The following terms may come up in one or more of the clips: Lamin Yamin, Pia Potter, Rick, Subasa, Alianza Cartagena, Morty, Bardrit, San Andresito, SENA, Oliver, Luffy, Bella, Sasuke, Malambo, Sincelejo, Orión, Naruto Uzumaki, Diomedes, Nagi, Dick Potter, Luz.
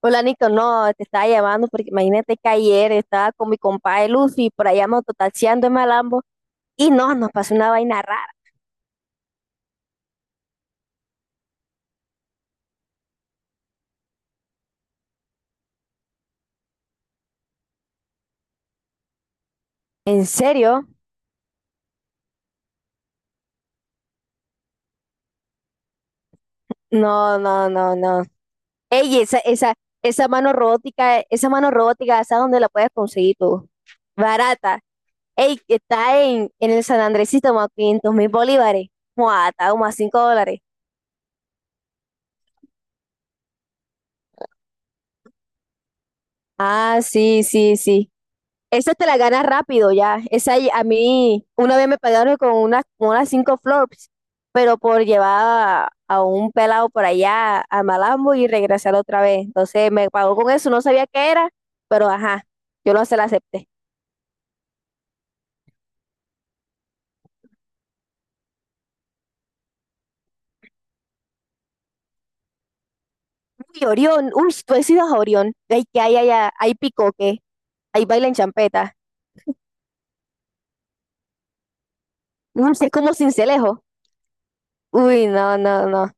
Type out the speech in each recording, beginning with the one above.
Hola, Nico, no, te estaba llamando porque imagínate que ayer estaba con mi compadre Luffy por allá mototaxiando en Malambo y no, nos pasó una vaina rara. ¿En serio? No, no, no, no. Ey, esa mano robótica, ¿sabes dónde la puedes conseguir tú? Barata. Ey, está en el San Andresito, como a 500 mil bolívares. Mua, está como a $5. Ah, sí, sí, sí. Esa te la ganas rápido ya. Esa, a mí una vez me pagaron con unas 5 flops, pero por llevar a un pelado por allá a Malambo y regresar otra vez. Entonces me pagó con eso, no sabía qué era, pero ajá, yo no se la acepté. Uy, Orión, uy, tú has ido a Orión. Ay, que hay allá, hay picoque, hay baila en champeta. Uy, es como Cincelejo. Uy, no, no, no.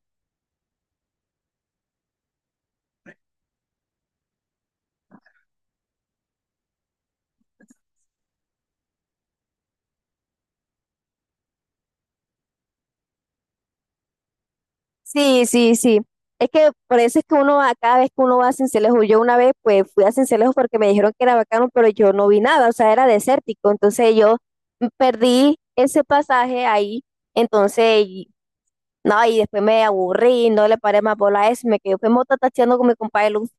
Sí, sí, sí. Es que por eso es que uno va, cada vez que uno va a Sincelejo. Yo una vez pues fui a Sincelejo porque me dijeron que era bacano, pero yo no vi nada, o sea, era desértico. Entonces yo perdí ese pasaje ahí, entonces, no, y después me aburrí, no le paré más bola a eso, me quedé fue mota tacheando con mi compadre Luz.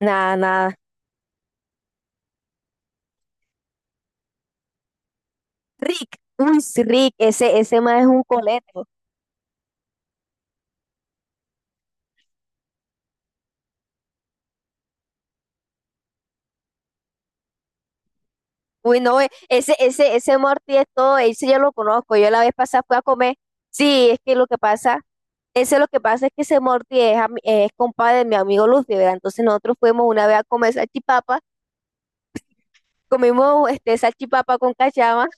Nada, nada. Rick, uy, sí, Rick, ese más es un coleto. Uy, no, ese Morty es todo, ese yo lo conozco, yo la vez pasada fui a comer. Sí, es que lo que pasa. Eso es lo que pasa es que ese Morty es, es compadre de mi amigo Luffy, ¿verdad? Entonces nosotros fuimos una vez a comer salchipapa, comimos este salchipapa con cachama,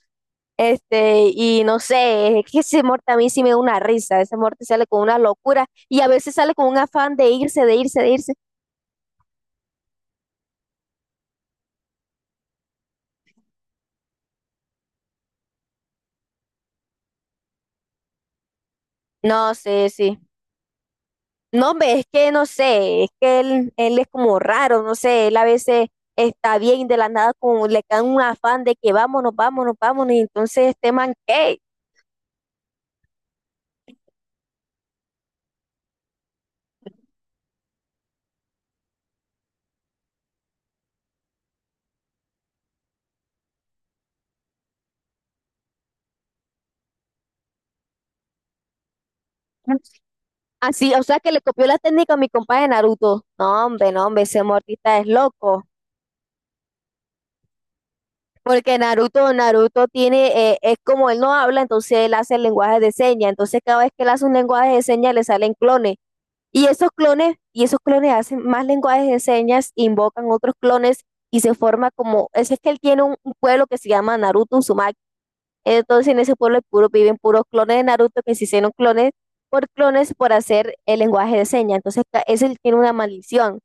este, y no sé, es que ese Morty a mí sí me da una risa, ese Morty sale con una locura y a veces sale con un afán de irse, de irse, de irse. No sé, sí. No, hombre, es que no sé, es que él es como raro, no sé, él a veces está bien de la nada como le cae un afán de que vámonos, vámonos, vámonos, y entonces este man, ¿qué? Así, o sea que le copió la técnica a mi compa de Naruto. No, hombre, no, hombre, ese mortista es loco. Porque Naruto tiene, es como él no habla, entonces él hace el lenguaje de señas. Entonces cada vez que él hace un lenguaje de señas le salen clones. Y esos clones, y esos clones hacen más lenguajes de señas, invocan otros clones y se forma como, es que él tiene un pueblo que se llama Naruto Uzumaki. Entonces en ese pueblo puro, viven puros clones de Naruto que se hicieron clones por clones por hacer el lenguaje de señas. Entonces ese tiene una maldición.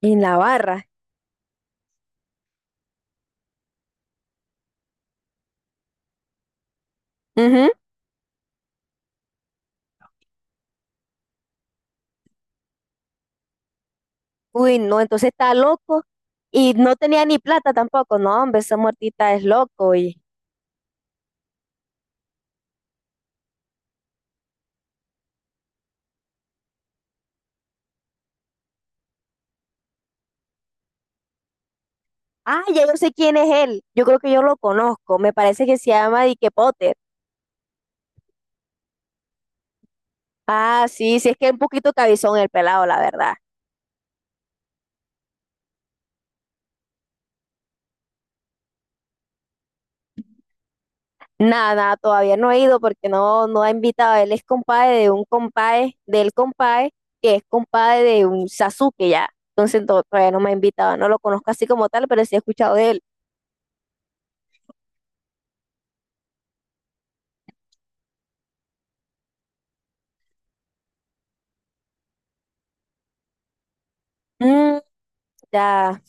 En la barra. Ujú. Uy, no, entonces está loco. Y no tenía ni plata tampoco. No, hombre, esa muertita es loco. Y... Ah, ya yo sé quién es él. Yo creo que yo lo conozco. Me parece que se llama Dick Potter. Ah, sí, sí, es que es un poquito cabizón el pelado, la verdad. Nada, nada, todavía no he ido porque no, no ha invitado. Él es compadre de un compadre, del compadre, que es compadre de un Sasuke ya. Entonces todavía no me ha invitado. No lo conozco así como tal, pero sí he escuchado de él. Mm, ya.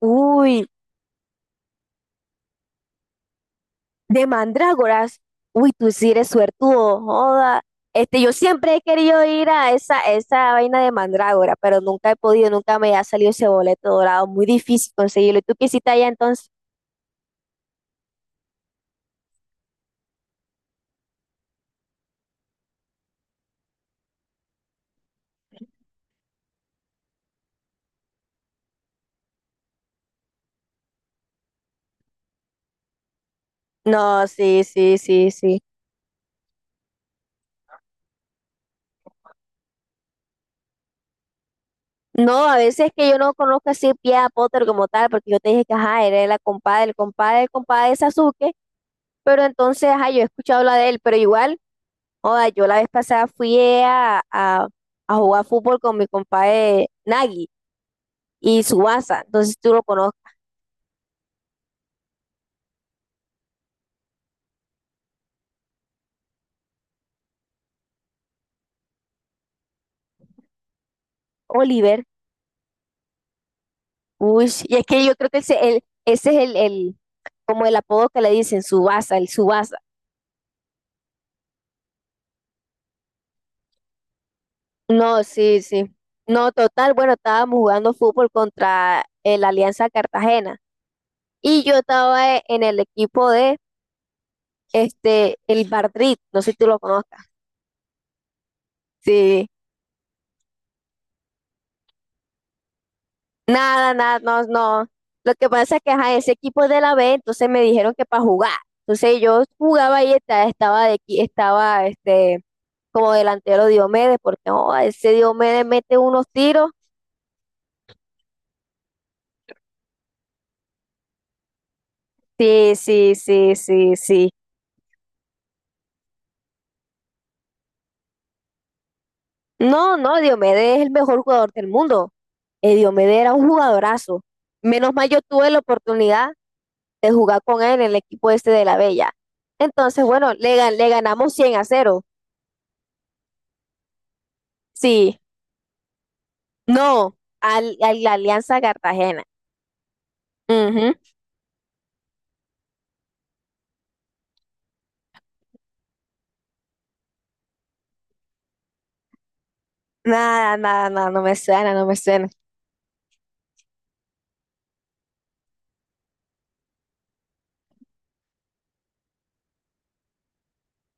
Uy, de mandrágoras. Uy, tú sí eres suertudo, joda. Este, yo siempre he querido ir a esa vaina de mandrágora, pero nunca he podido, nunca me ha salido ese boleto dorado. Muy difícil conseguirlo. ¿Y tú qué hiciste allá entonces? No, sí, sí, sí, sí. No, a veces que yo no conozco así Pia Potter como tal, porque yo te dije que, ajá, era la compadre, el compadre, el compadre de Sasuke, pero entonces, ajá, yo he escuchado hablar de él, pero igual, joda, yo la vez pasada fui a jugar fútbol con mi compadre Nagi y Subasa, entonces tú lo conoces, Oliver, uy, y es que yo creo que ese es como el apodo que le dicen, Subasa, el Subasa. No, sí, sí. No, total, bueno, estábamos jugando fútbol contra el Alianza Cartagena y yo estaba en el equipo de este, el Bardrit, no sé si tú lo conozcas. Sí. Nada, nada, no, no. Lo que pasa es que ajá, ese equipo de la B, entonces me dijeron que para jugar. Entonces yo jugaba y estaba, de, aquí estaba este, como delantero Diomedes, porque oh, ese Diomedes mete unos tiros. Sí, sí, sí, sí, sí. No, no, Diomedes es el mejor jugador del mundo. Diomedes era un jugadorazo. Menos mal yo tuve la oportunidad de jugar con él en el equipo este de la Bella. Entonces, bueno, le ganamos 100-0. Sí. No, al, a la Alianza Cartagena. Ujú. Nada, nada, nada, no me suena, no me suena.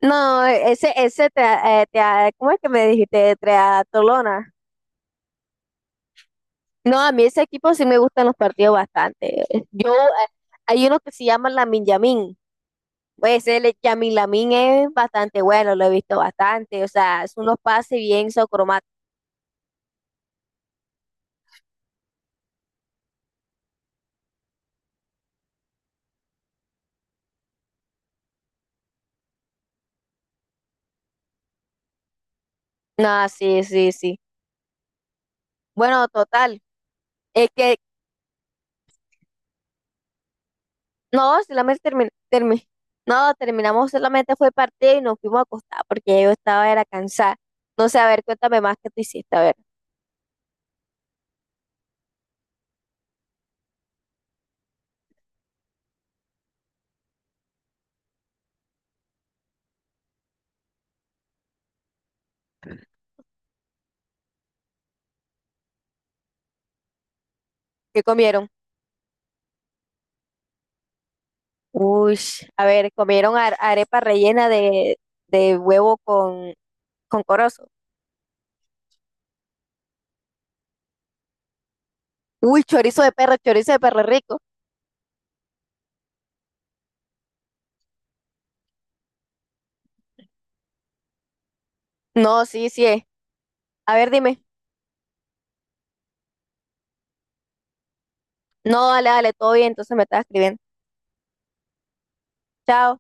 No, ¿cómo es que me dijiste? Triatlona. No, a mí ese equipo sí me gustan los partidos bastante. Yo, hay uno que se llama Lamin Yamin. Pues el Yamin Lamin es bastante bueno, lo he visto bastante. O sea, es unos pases bien socromáticos. No, sí, sí, sí. Bueno, total. Es no, solamente no, terminamos, solamente fue partido y nos fuimos a acostar porque yo estaba, era cansada. No sé, a ver, cuéntame más que tú hiciste, a ver, ¿qué comieron? Uy, a ver, comieron arepa rellena de huevo con corozo. Uy, chorizo de perro rico. No, sí, sí es. A ver, dime. No, dale, dale, todo bien, entonces me estás escribiendo. Chao.